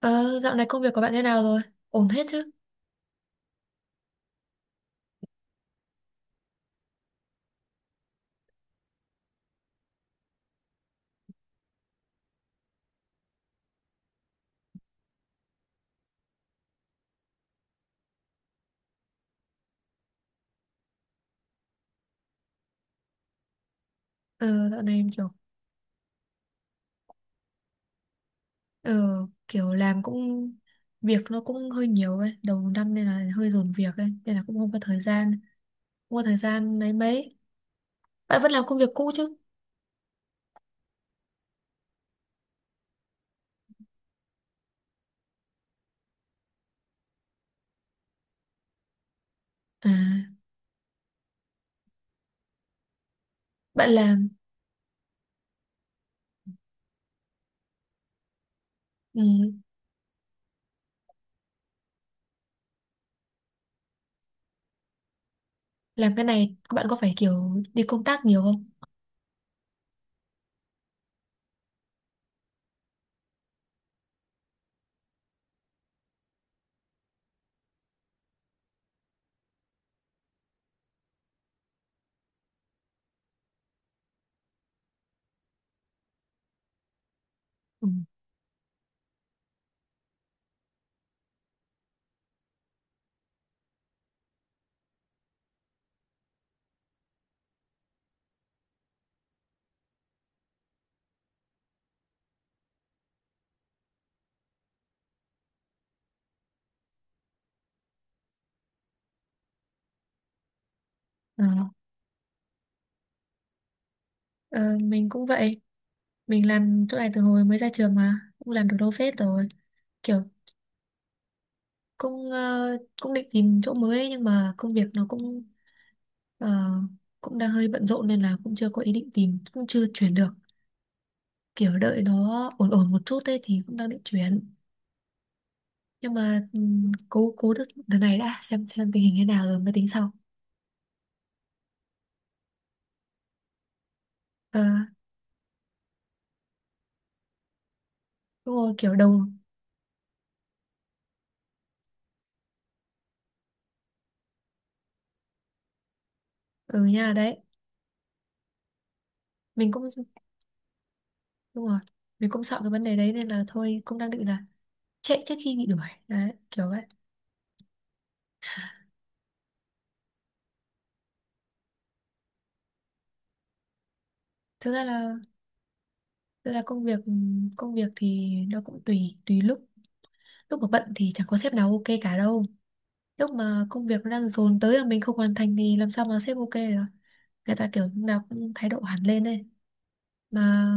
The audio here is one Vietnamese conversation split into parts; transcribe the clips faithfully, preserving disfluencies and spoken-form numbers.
Ờ, dạo này công việc của bạn thế nào rồi? Ổn hết chứ? Ờ, dạo này em kiểu ờ, kiểu làm cũng việc nó cũng hơi nhiều ấy, đầu năm nên là hơi dồn việc ấy, nên là cũng không có thời gian, không có thời gian lấy mấy. Bạn vẫn làm công việc cũ chứ? À, bạn làm ừ, làm cái này bạn có phải kiểu đi công tác nhiều không? Ừ. Ờ. Ờ, mình cũng vậy, mình làm chỗ này từ hồi mới ra trường mà cũng làm được đâu phết rồi, kiểu cũng ờ, cũng định tìm chỗ mới ấy, nhưng mà công việc nó cũng ờ, cũng đang hơi bận rộn nên là cũng chưa có ý định tìm, cũng chưa chuyển được, kiểu đợi nó ổn ổn một chút ấy thì cũng đang định chuyển, nhưng mà ừm, cố cố được đợt này đã, xem xem tình hình thế nào rồi mới tính sau. Ờ, đúng rồi kiểu đầu ừ nha đấy, mình cũng đúng rồi, mình cũng sợ cái vấn đề đấy nên là thôi cũng đang định là chạy trước khi bị đuổi đấy, kiểu vậy. Thực ra là, thực ra công việc công việc thì nó cũng tùy tùy lúc, lúc mà bận thì chẳng có sếp nào ok cả đâu. Lúc mà công việc nó đang dồn tới mà mình không hoàn thành thì làm sao mà sếp ok được. Người ta kiểu lúc nào cũng thái độ hẳn lên đây, mà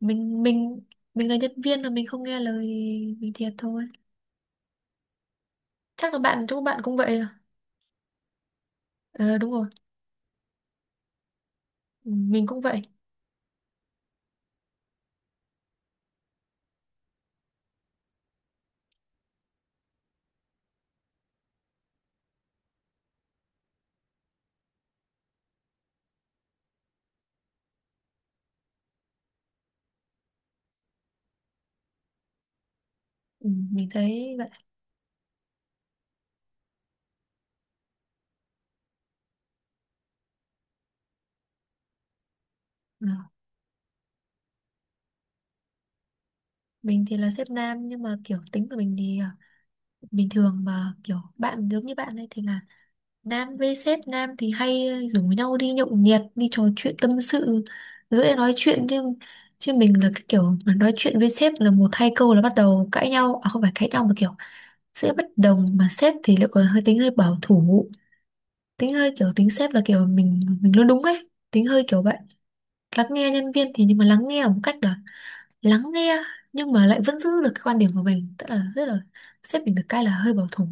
mình mình mình là nhân viên mà mình không nghe lời thì mình thiệt thôi. Chắc là bạn chỗ bạn cũng vậy à? Ờ đúng rồi. Ừ, mình cũng vậy. Ừ, mình thấy vậy. Ừ. Mình thì là sếp nam, nhưng mà kiểu tính của mình thì à, bình thường mà kiểu bạn giống như bạn ấy thì là nam với sếp nam thì hay rủ nhau đi nhậu nhẹt, đi trò chuyện tâm sự, dễ nói chuyện chứ. Chứ mình là cái kiểu mà nói chuyện với sếp là một hai câu là bắt đầu cãi nhau, à không phải cãi nhau mà kiểu sẽ bất đồng. Mà sếp thì lại còn hơi tính hơi bảo thủ, tính hơi kiểu tính sếp là kiểu mình mình luôn đúng ấy, tính hơi kiểu vậy. Lắng nghe nhân viên thì, nhưng mà lắng nghe một cách là lắng nghe, nhưng mà lại vẫn giữ được cái quan điểm của mình, tức là rất là sếp mình được cái là hơi bảo thủ.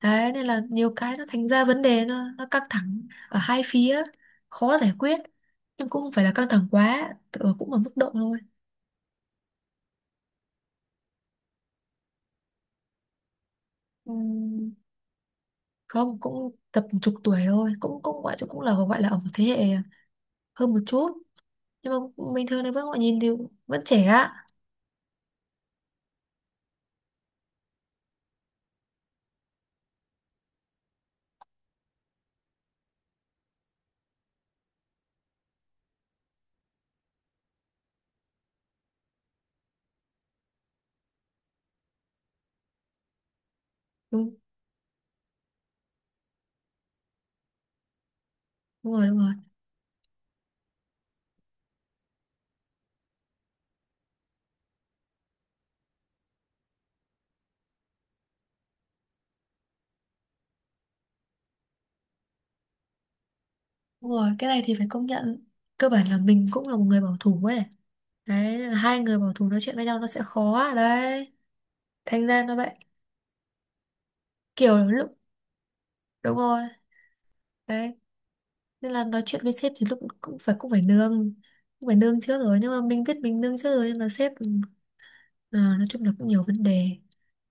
Đấy, nên là nhiều cái nó thành ra vấn đề, nó nó căng thẳng ở hai phía, khó giải quyết. Nhưng cũng không phải là căng thẳng quá, tự- cũng ở mức độ thôi. Ừm, Không, cũng tầm chục tuổi thôi, cũng cũng gọi cũng là gọi là ở một thế hệ hơn một chút. Nhưng mà bình thường thì vẫn gọi nhìn thì vẫn trẻ ạ. Đúng, đúng rồi, đúng rồi. Đúng rồi, cái này thì phải công nhận. Cơ bản là mình cũng là một người bảo thủ ấy. Đấy, hai người bảo thủ nói chuyện với nhau nó sẽ khó đấy. Thành ra nó vậy. Kiểu lúc, đúng rồi đấy, nên là nói chuyện với sếp thì lúc cũng phải cũng phải nương cũng phải nương trước rồi, nhưng mà mình biết mình nương trước rồi, nhưng mà sếp ừ, à, nói chung là cũng nhiều vấn đề.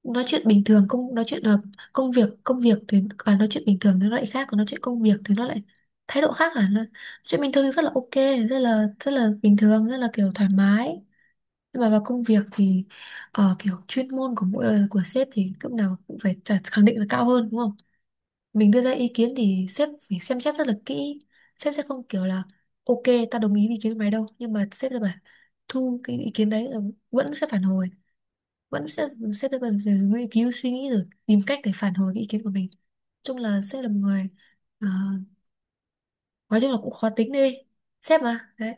Nói chuyện bình thường công nói chuyện là công việc, công việc thì à, nói chuyện bình thường thì nó lại khác, còn nói chuyện công việc thì nó lại thái độ khác hẳn. Nói chuyện bình thường thì rất là ok, rất là rất là bình thường, rất là kiểu thoải mái, nhưng mà vào công việc thì ờ, kiểu chuyên môn của mỗi ờ, của sếp thì lúc nào cũng phải chả- khẳng định là cao hơn đúng không. Mình đưa ra ý kiến thì sếp phải xem xét rất là kỹ, sếp sẽ không kiểu là ok ta đồng ý với ý kiến của mày đâu, nhưng mà sếp sẽ bảo thu cái ý kiến đấy rồi vẫn sẽ phản hồi, vẫn sẽ sếp sẽ vẫn phải nghiên cứu suy nghĩ rồi tìm cách để phản hồi cái ý kiến của mình. Chung là sếp là một người ờ, nói chung là cũng khó tính đi, sếp mà đấy,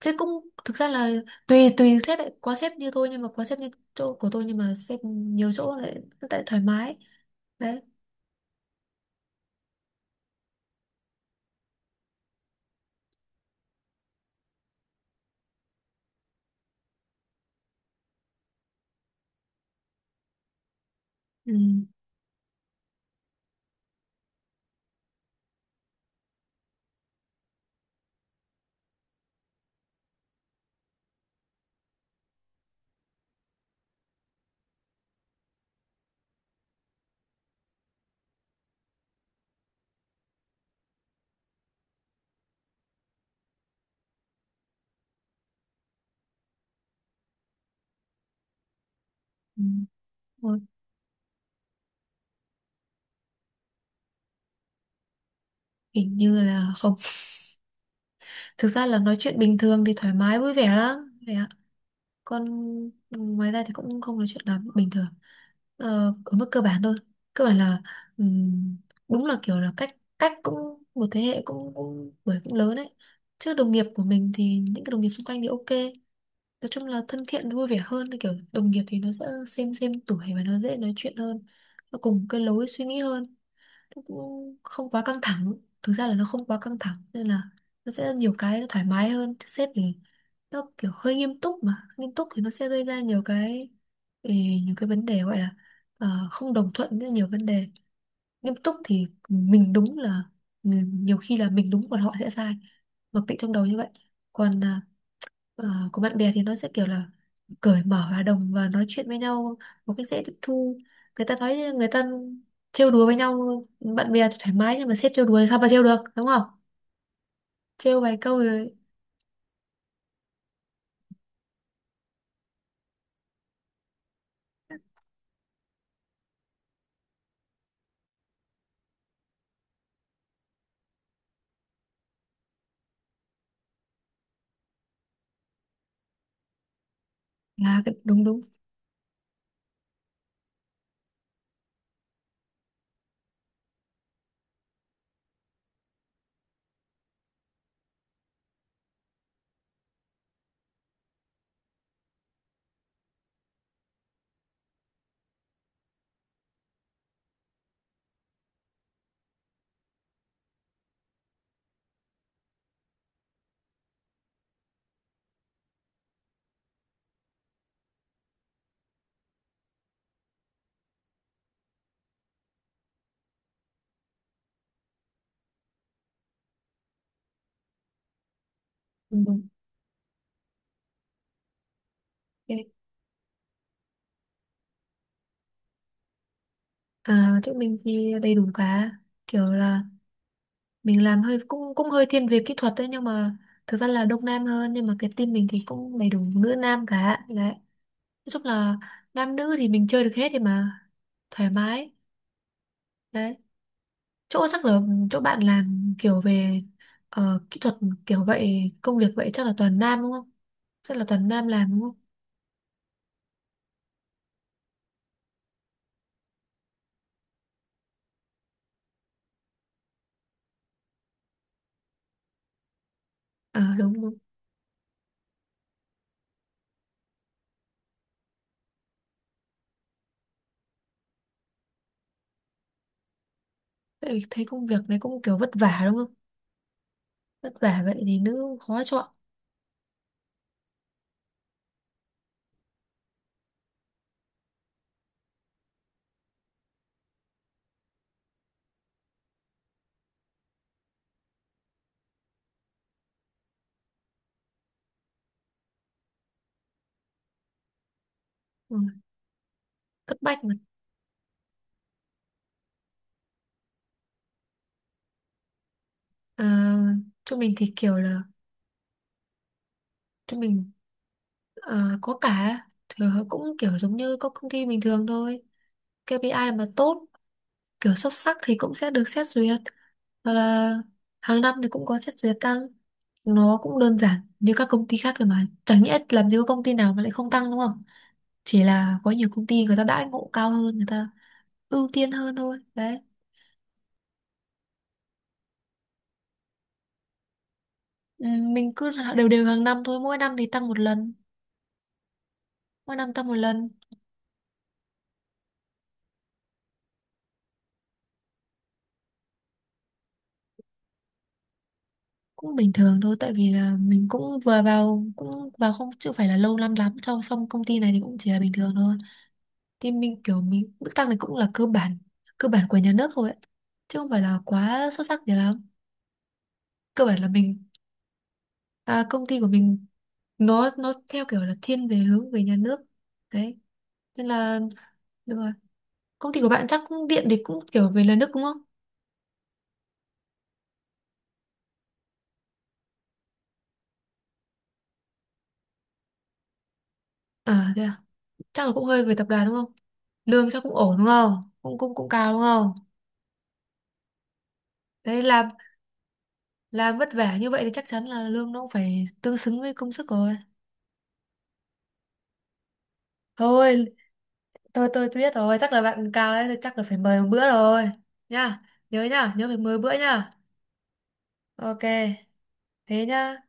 chứ cũng thực ra là tùy tùy sếp ấy. Có sếp như tôi, nhưng mà có sếp như chỗ của tôi, nhưng mà sếp nhiều chỗ lại tại thoải mái đấy. Ừ. Ừ. Thôi, hình như là không. Thực ra là nói chuyện bình thường thì thoải mái vui vẻ lắm vậy ạ, còn ngoài ra thì cũng không nói chuyện lắm bình thường, ờ, ở mức cơ bản thôi. Cơ bản là ừm, đúng là kiểu là cách cách cũng một thế hệ, cũng cũng bởi cũng lớn đấy. Chứ đồng nghiệp của mình thì những cái đồng nghiệp xung quanh thì ok, nói chung là thân thiện vui vẻ hơn, thì kiểu đồng nghiệp thì nó sẽ xem xem tuổi và nó dễ nói chuyện hơn, nó cùng cái lối suy nghĩ hơn, nó cũng không quá căng thẳng. Thực ra là nó không quá căng thẳng nên là nó sẽ nhiều cái nó thoải mái hơn, chứ sếp thì nó kiểu hơi nghiêm túc, mà nghiêm túc thì nó sẽ gây ra nhiều cái, ừ, nhiều cái vấn đề, gọi là ờ, không đồng thuận với nhiều vấn đề. Nghiêm túc thì mình đúng là nhiều khi là mình đúng còn họ sẽ sai, mặc định trong đầu như vậy. Còn à, ờ, của bạn bè thì nó sẽ kiểu là cởi mở và đồng và nói chuyện với nhau một cách dễ tiếp thu, người ta nói, người ta trêu đùa với nhau, bạn bè thì thoải mái, nhưng mà sếp trêu đùa thì sao mà trêu được đúng không. Trêu vài câu rồi là cái- đúng đúng, đúng, đúng. Okay. À, chỗ mình thì đầy đủ cả, kiểu là mình làm hơi cũng cũng hơi thiên về kỹ thuật đấy, nhưng mà thực ra là đông nam hơn, nhưng mà cái team mình thì cũng đầy đủ nữ nam cả đấy, nói chung là nam nữ thì mình chơi được hết thì mà thoải mái đấy. Chỗ chắc là chỗ bạn làm kiểu về ờ, kỹ thuật kiểu vậy, công việc vậy chắc là toàn nam đúng không, chắc là toàn nam làm đúng không. À đúng đúng, tại vì thấy công việc này cũng kiểu vất vả đúng không, vất vả vậy thì nữ khó chọn. Ừ, thất bách mà. À, chỗ mình thì kiểu là, chỗ mình ờ, có cả, thì cũng kiểu giống như các công ty bình thường thôi. kây pi ai mà tốt kiểu xuất sắc thì cũng sẽ được xét duyệt, hoặc là hàng năm thì cũng có xét duyệt tăng. Nó cũng đơn giản như các công ty khác thôi, mà chẳng nhẽ làm gì có công ty nào mà lại không tăng đúng không. Chỉ là có nhiều công ty người ta đãi ngộ cao hơn, người ta ưu tiên hơn thôi đấy. Ừ, mình cứ đều đều hàng năm thôi, mỗi năm thì tăng một lần, mỗi năm tăng một lần. Cũng bình thường thôi tại vì là mình cũng vừa vào, cũng vào không chưa phải là lâu năm lắm trong xong công ty này thì cũng chỉ là bình thường thôi. Thì mình kiểu mình mức tăng này cũng là cơ bản cơ bản của nhà nước thôi ấy. Chứ không phải là quá xuất sắc gì lắm. Cơ bản là mình, à, công ty của mình nó nó theo kiểu là thiên về hướng về nhà nước đấy, nên là được rồi. Công ty của bạn chắc cũng điện thì cũng kiểu về nhà nước đúng không. À thế à, chắc là cũng hơi về tập đoàn đúng không. Lương chắc cũng ổn đúng không, cũng cũng cũng cao đúng không. Đấy, làm làm vất vả như vậy thì chắc chắn là lương nó cũng phải tương xứng với công sức rồi. Thôi, tôi tôi tôi biết rồi, chắc là bạn cao đấy, chắc là phải mời một bữa rồi nha. Nhớ nha, nhớ phải mời bữa nha. Ok thế nhá.